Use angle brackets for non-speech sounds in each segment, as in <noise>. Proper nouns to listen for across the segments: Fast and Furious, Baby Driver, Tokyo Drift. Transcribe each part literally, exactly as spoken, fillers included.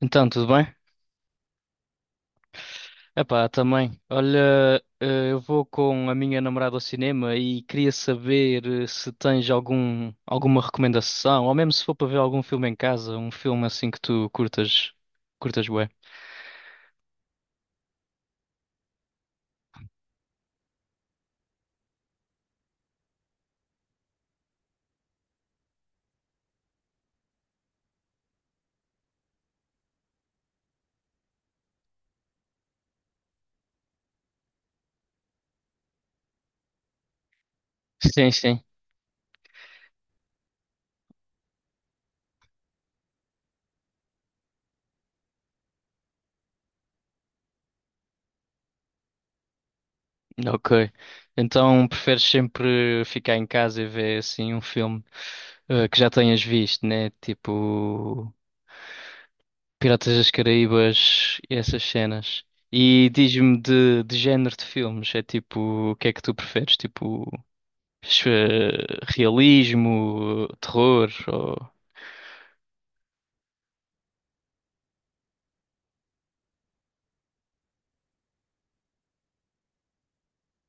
Então, tudo bem? Epá, também. Olha, eh, eu vou com a minha namorada ao cinema e queria saber eh, se tens algum, alguma recomendação, ou mesmo se for para ver algum filme em casa, um filme assim que tu curtas, curtas bué. <laughs> Sim, sim. Ok. Então, preferes sempre ficar em casa e ver assim um filme eh, que já tenhas visto, né? Tipo, Piratas das Caraíbas e essas cenas. E diz-me de, de género de filmes. É tipo, o que é que tu preferes? Tipo, ch- realismo, terror, ou...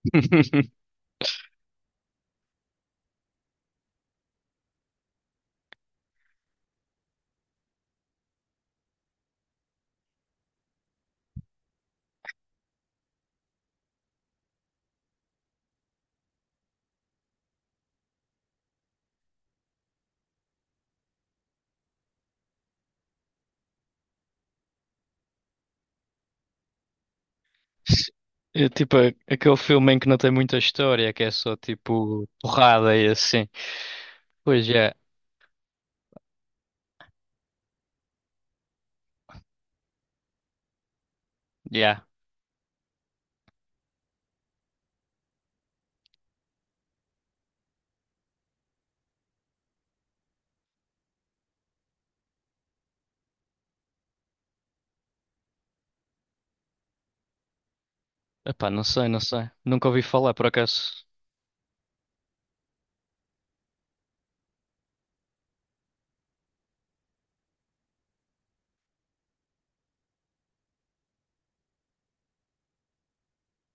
<laughs> É tipo a- aquele filme em que não tem muita história, que é só tipo porrada e assim. Pois é, já. Epá, não sei, não sei. Nunca ouvi falar, por acaso.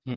Hum.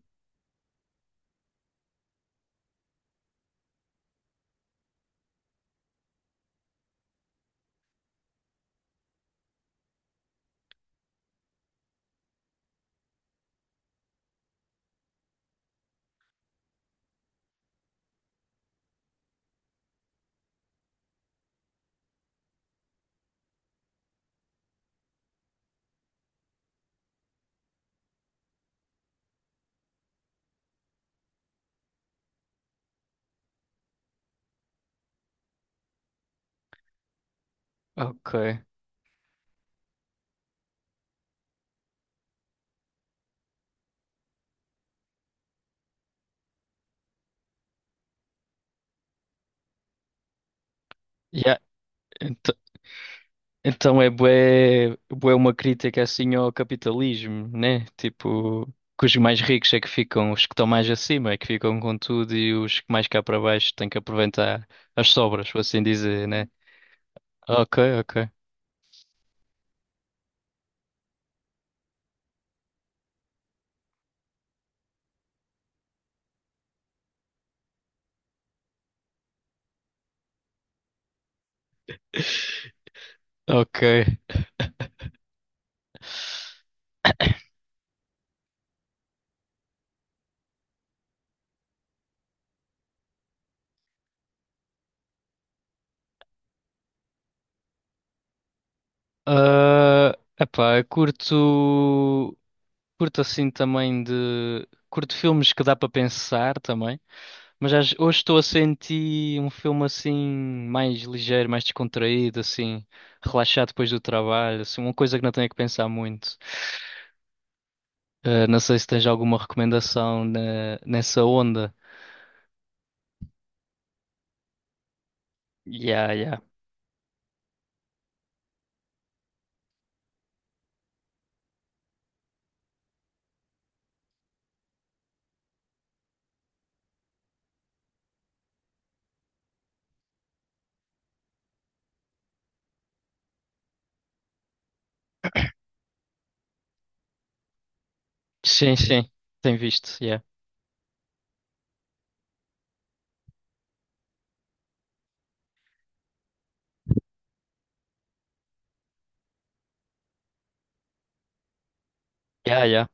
Ok. Já. Então é bué, bué uma crítica assim ao capitalismo, né? Tipo, que os mais ricos é que ficam, os que estão mais acima é que ficam com tudo e os que mais cá para baixo têm que aproveitar as sobras, por assim dizer, né? Ok, ok, ok. Ah, epá, curto, curto assim também de, curto filmes que dá para pensar também. Mas às- hoje estou a sentir um filme assim mais ligeiro, mais descontraído, assim, relaxado depois do trabalho, assim, uma coisa que não tenho que pensar muito. Eh, não sei se tens alguma recomendação ne- nessa onda. Yeah, yeah. Sim, sim. Tem visto, yeah. Yeah, yeah.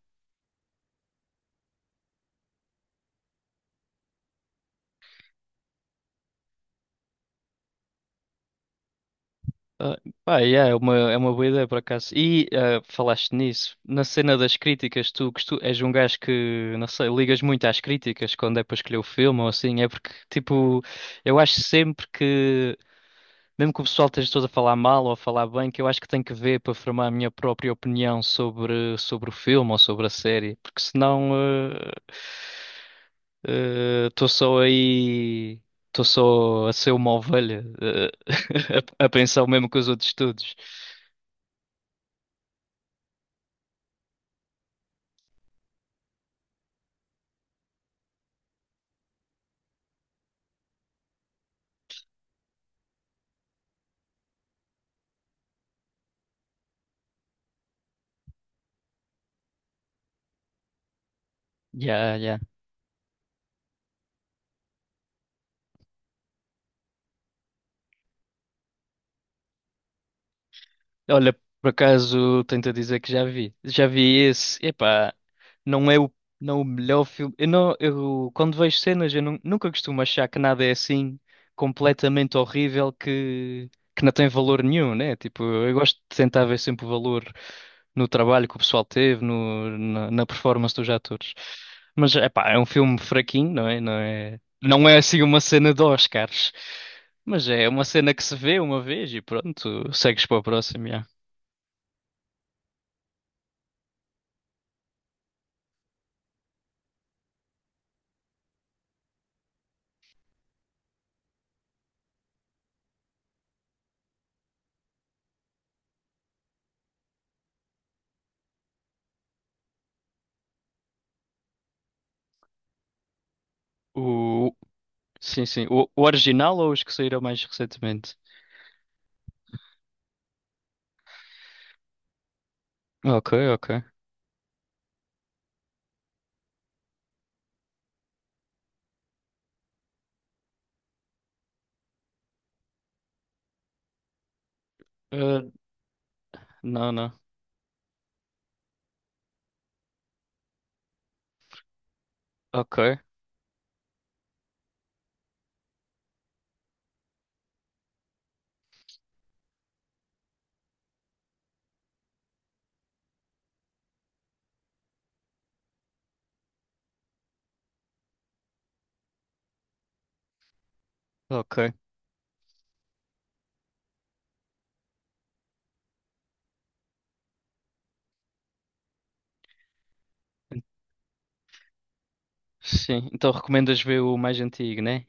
Ah, pá, yeah, é uma, é uma boa ideia por acaso. E ah, falaste nisso, na cena das críticas, tu, costu- és um gajo que, não sei, ligas muito às críticas quando é para escolher o filme ou assim, é porque, tipo, eu acho sempre que mesmo que o pessoal esteja todo a falar mal ou a falar bem, que eu acho que tenho que ver para formar a minha própria opinião sobre, sobre o filme ou sobre a série, porque senão estou só aí, estou só a ser uma ovelha, eh, <laughs> a, a pensar o mesmo que os outros todos. Yeah, yeah. Olha, por acaso tento dizer que já vi. Já vi esse. Epá, não é o, não é o melhor filme. Eu não, eu, Quando vejo cenas, eu nun- nunca costumo achar que nada é assim completamente horrível que, que não tem valor nenhum, né? Tipo, eu gosto de tentar ver sempre o valor no trabalho que o pessoal teve, no, na, na performance dos atores. Mas, epá, é um filme fraquinho, não é? Não é, não é assim uma cena de Oscars. Mas é uma cena que se vê uma vez e pronto, segues para o próximo. O... Sim, sim. O, o original ou os que saíram mais recentemente? Ok, ok. Eh, não, não. Ok, ok. Sim, então recomendas ver o mais antigo, né?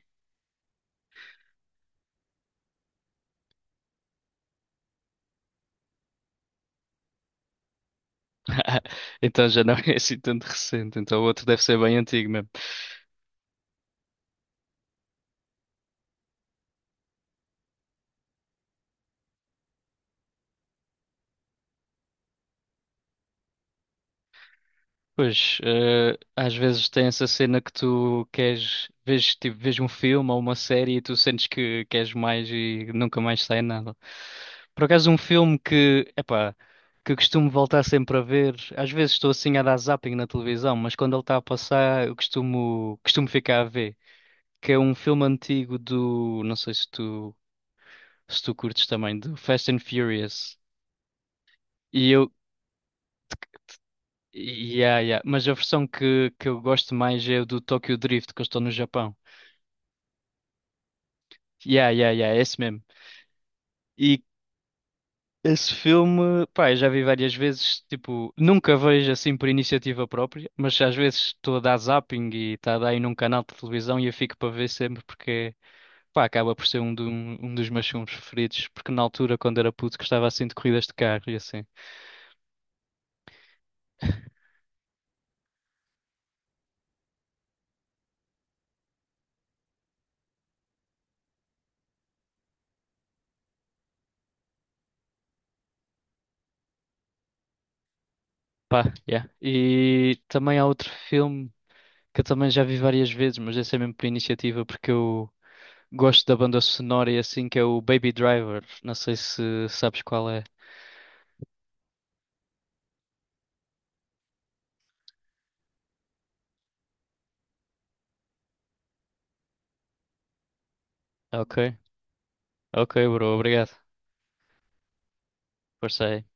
<laughs> Então já não é assim tanto recente. Então o outro deve ser bem antigo mesmo. Pois, eh, às vezes tem essa cena que tu queres, vês, tipo, vês um filme ou uma série e tu sentes que queres mais e nunca mais sai nada. Por acaso, um filme que, epá, que costumo voltar sempre a ver, às vezes estou assim a dar zapping na televisão, mas quando ele está a passar, eu costumo, costumo ficar a ver, que é um filme antigo do, não sei se tu, se tu curtes também, do Fast and Furious. E eu, yeah, yeah. Mas a versão que, que eu gosto mais é o do Tokyo Drift, que eu estou no Japão. Yeah, yeah, yeah, é esse mesmo. E esse filme, pá, eu já vi várias vezes, tipo, nunca vejo assim por iniciativa própria, mas às vezes estou a dar zapping e está a dar aí num canal de televisão e eu fico para ver sempre porque, pá, acaba por ser um, do- um dos meus filmes preferidos, porque na altura, quando era puto, gostava assim de corridas de carro e assim. <laughs> Pá, yeah. E também há outro filme que eu também já vi várias vezes, mas esse é mesmo por iniciativa, porque eu gosto da banda sonora e assim, que é o Baby Driver. Não sei se sabes qual é. Ok, ok, bro, obrigado. Força aí.